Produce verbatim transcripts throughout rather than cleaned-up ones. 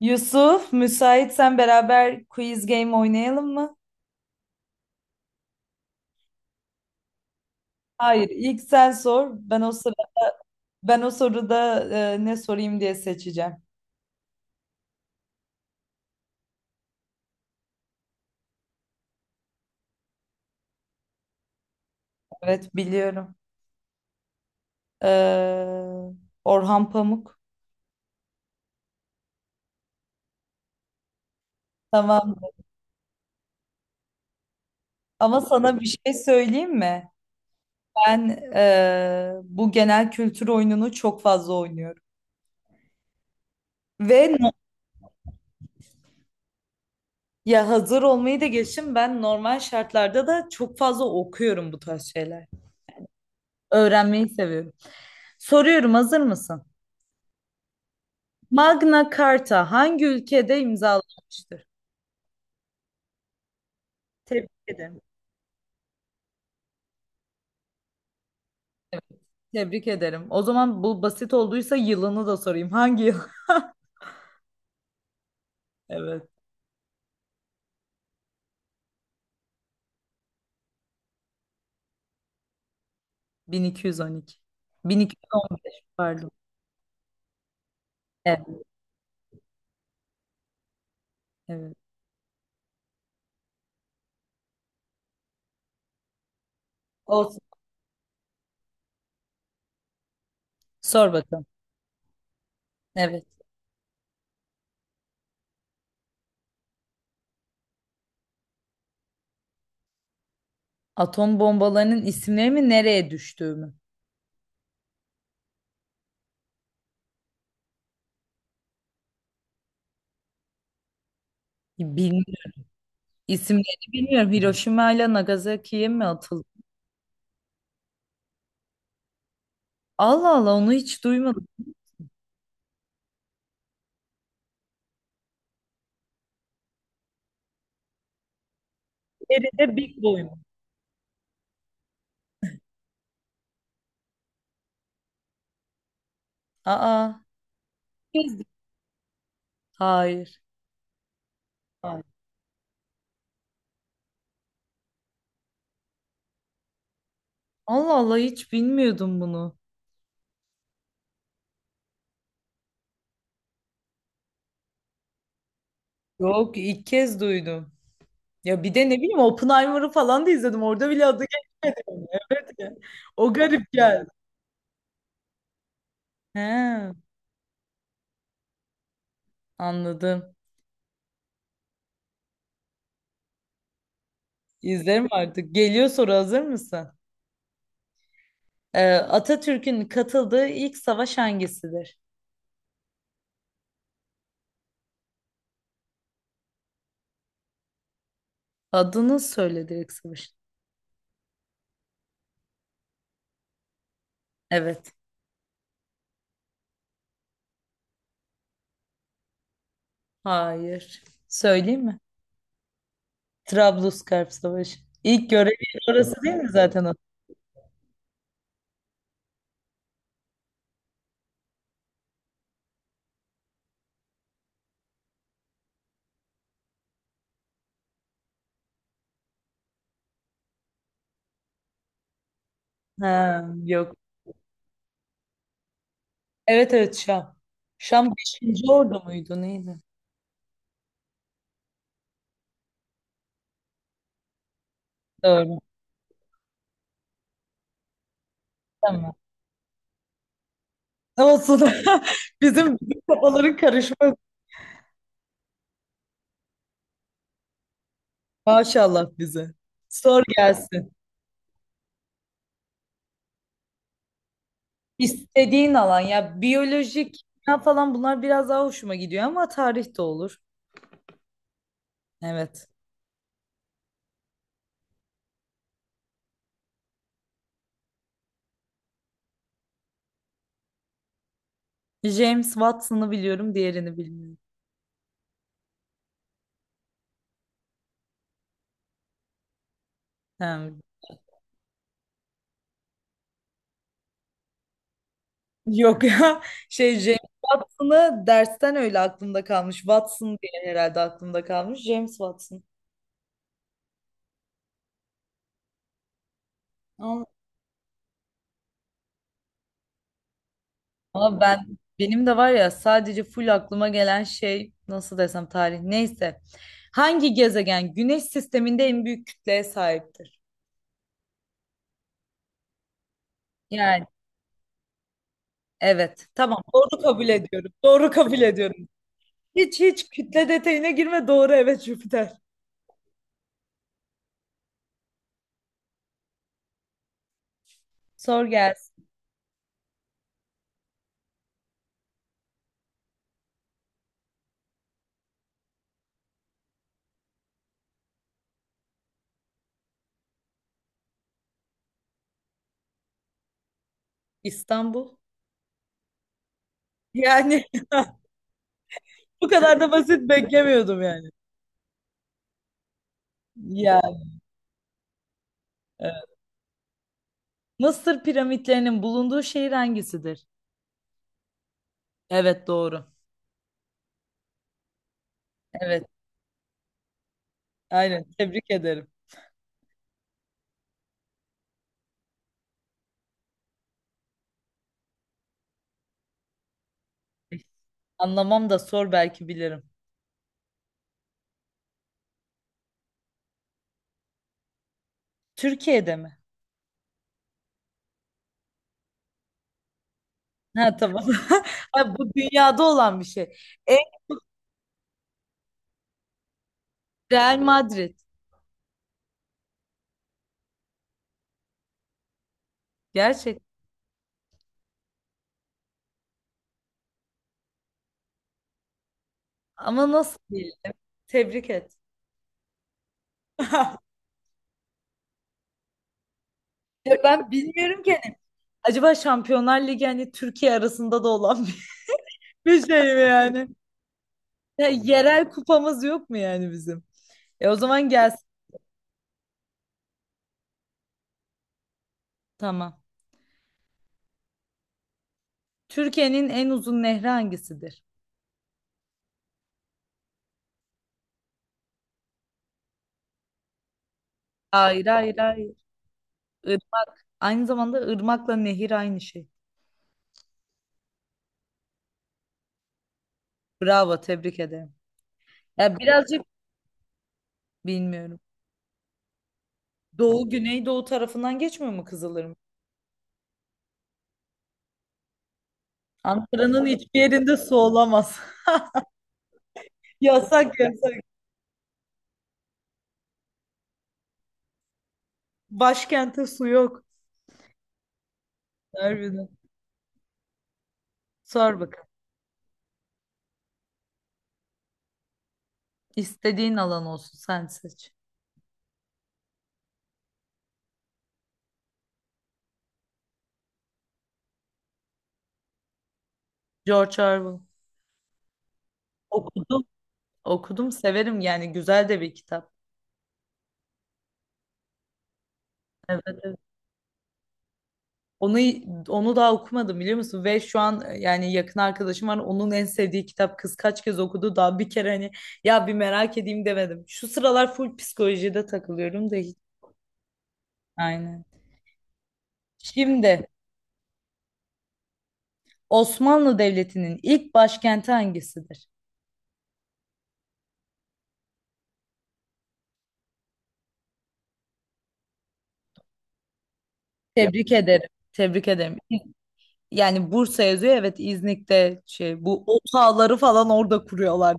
Yusuf, müsaitsen beraber quiz game oynayalım mı? Hayır, ilk sen sor. Ben o sıra ben o soruda e, ne sorayım diye seçeceğim. Evet, biliyorum. Ee, Orhan Pamuk. Tamam. Ama sana bir şey söyleyeyim mi? Ben e, Bu genel kültür oyununu çok fazla oynuyorum. Ve no- Ya hazır olmayı da geçtim. Ben normal şartlarda da çok fazla okuyorum bu tarz şeyler. Öğrenmeyi seviyorum. Soruyorum, hazır mısın? Magna Carta hangi ülkede imzalanmıştır? Tebrik ederim. Tebrik ederim. O zaman bu basit olduysa yılını da sorayım. Hangi yıl? Evet. bin iki yüz on iki. bin iki yüz on beş pardon. Evet, evet. Olsun. Sor bakalım. Evet. Atom bombalarının isimleri mi nereye düştüğü mü? Bilmiyorum. İsimlerini bilmiyorum. Hiroşima ile Nagasaki'ye mi atıldı? Allah Allah onu hiç duymadım. Nerede Big Boy mu? Aa. Biz- Hayır. Hayır. Allah Allah hiç bilmiyordum bunu. Yok, ilk kez duydum. Ya bir de ne bileyim Oppenheimer'ı falan da izledim. Orada bile adı geçmedi. Evet ya. O garip geldi. He, anladım. İzlerim artık. Geliyor soru, hazır mısın? Ee, Atatürk'ün katıldığı ilk savaş hangisidir? Adını söyle direkt savaşın. Evet. Hayır. Söyleyeyim mi? Trablusgarp Savaşı. İlk görevi orası değil mi zaten? O? Ha, yok. Evet evet, Şam. Şam beşinci Ordu muydu neydi? Doğru. Tamam. Olsun. Bizim, bizim kafaların karışma, maşallah bize. Sor gelsin. İstediğin alan, ya biyolojik ya falan bunlar biraz daha hoşuma gidiyor ama tarih de olur. Evet. James Watson'ı biliyorum, diğerini bilmiyorum. Ha, yok. Ya. Şey, James Watson'ı dersten öyle aklımda kalmış. Watson diye herhalde aklımda kalmış. James Watson. Ama ben, benim de var ya, sadece full aklıma gelen şey, nasıl desem, tarih, neyse. Hangi gezegen Güneş sisteminde en büyük kütleye sahiptir? Yani evet, tamam, doğru kabul ediyorum. Doğru kabul ediyorum. Hiç hiç kütle detayına girme, doğru, evet, Jüpiter. Sor gelsin. İstanbul. Yani bu kadar da basit beklemiyordum yani. Yani evet. Mısır piramitlerinin bulunduğu şehir hangisidir? Evet, doğru. Evet aynen, tebrik ederim. Anlamam da sor, belki bilirim. Türkiye'de mi? Ha tamam. Ha, bu dünyada olan bir şey. En Real Madrid. Gerçek. Ama nasıl diyelim? Tebrik et. Ya ben bilmiyorum ki hani. Acaba Şampiyonlar Ligi hani Türkiye arasında da olan bir, bir şey mi yani? Ya, yerel kupamız yok mu yani bizim? E o zaman gelsin. Tamam. Türkiye'nin en uzun nehri hangisidir? Hayır hayır hayır. Irmak. Aynı zamanda ırmakla nehir aynı şey. Bravo, tebrik ederim. Ya birazcık bilmiyorum. Doğu, Güneydoğu tarafından geçmiyor mu Kızılırmak? Ankara'nın hiçbir yerinde su olamaz. Yasak yasak. Başkente su yok. Harbiden. Sor bakalım. İstediğin alan olsun, sen seç. George Orwell. Okudum. Okudum, severim yani, güzel de bir kitap. Evet, evet. Onu onu daha okumadım, biliyor musun? Ve şu an e, Yani yakın arkadaşım var. Onun en sevdiği kitap, kız kaç kez okudu, daha bir kere hani ya bir merak edeyim demedim. Şu sıralar full psikolojide takılıyorum da hiç. Aynen. Şimdi Osmanlı Devleti'nin ilk başkenti hangisidir? Tebrik ederim. Tebrik ederim. İz- Yani Bursa yazıyor. Evet, İznik'te şey bu otağları falan orada kuruyorlar.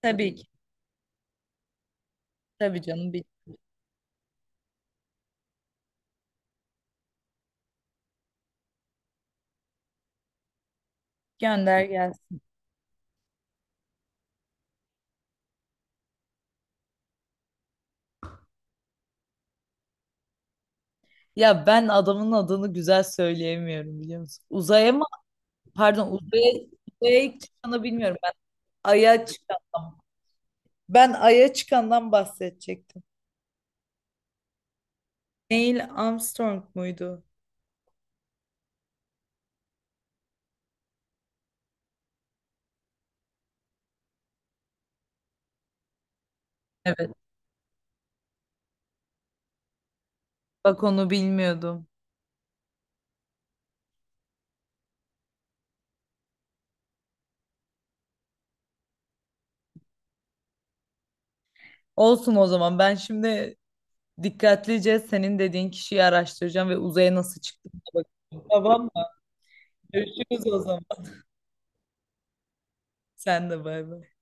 Tabii ki. Tabii canım. Bir gönder gelsin. Ya ben adamın adını güzel söyleyemiyorum, biliyor musun? Uzaya mı? Pardon uzaya, uzaya ilk çıkanı bilmiyorum. Ben Ay'a çıkandan. Ben Ay'a çıkandan bahsedecektim. Neil Armstrong muydu? Evet. Bak onu bilmiyordum. Olsun o zaman. Ben şimdi dikkatlice senin dediğin kişiyi araştıracağım ve uzaya nasıl çıktığına bakacağım. Tamam mı? Görüşürüz o zaman. Sen de bay bay.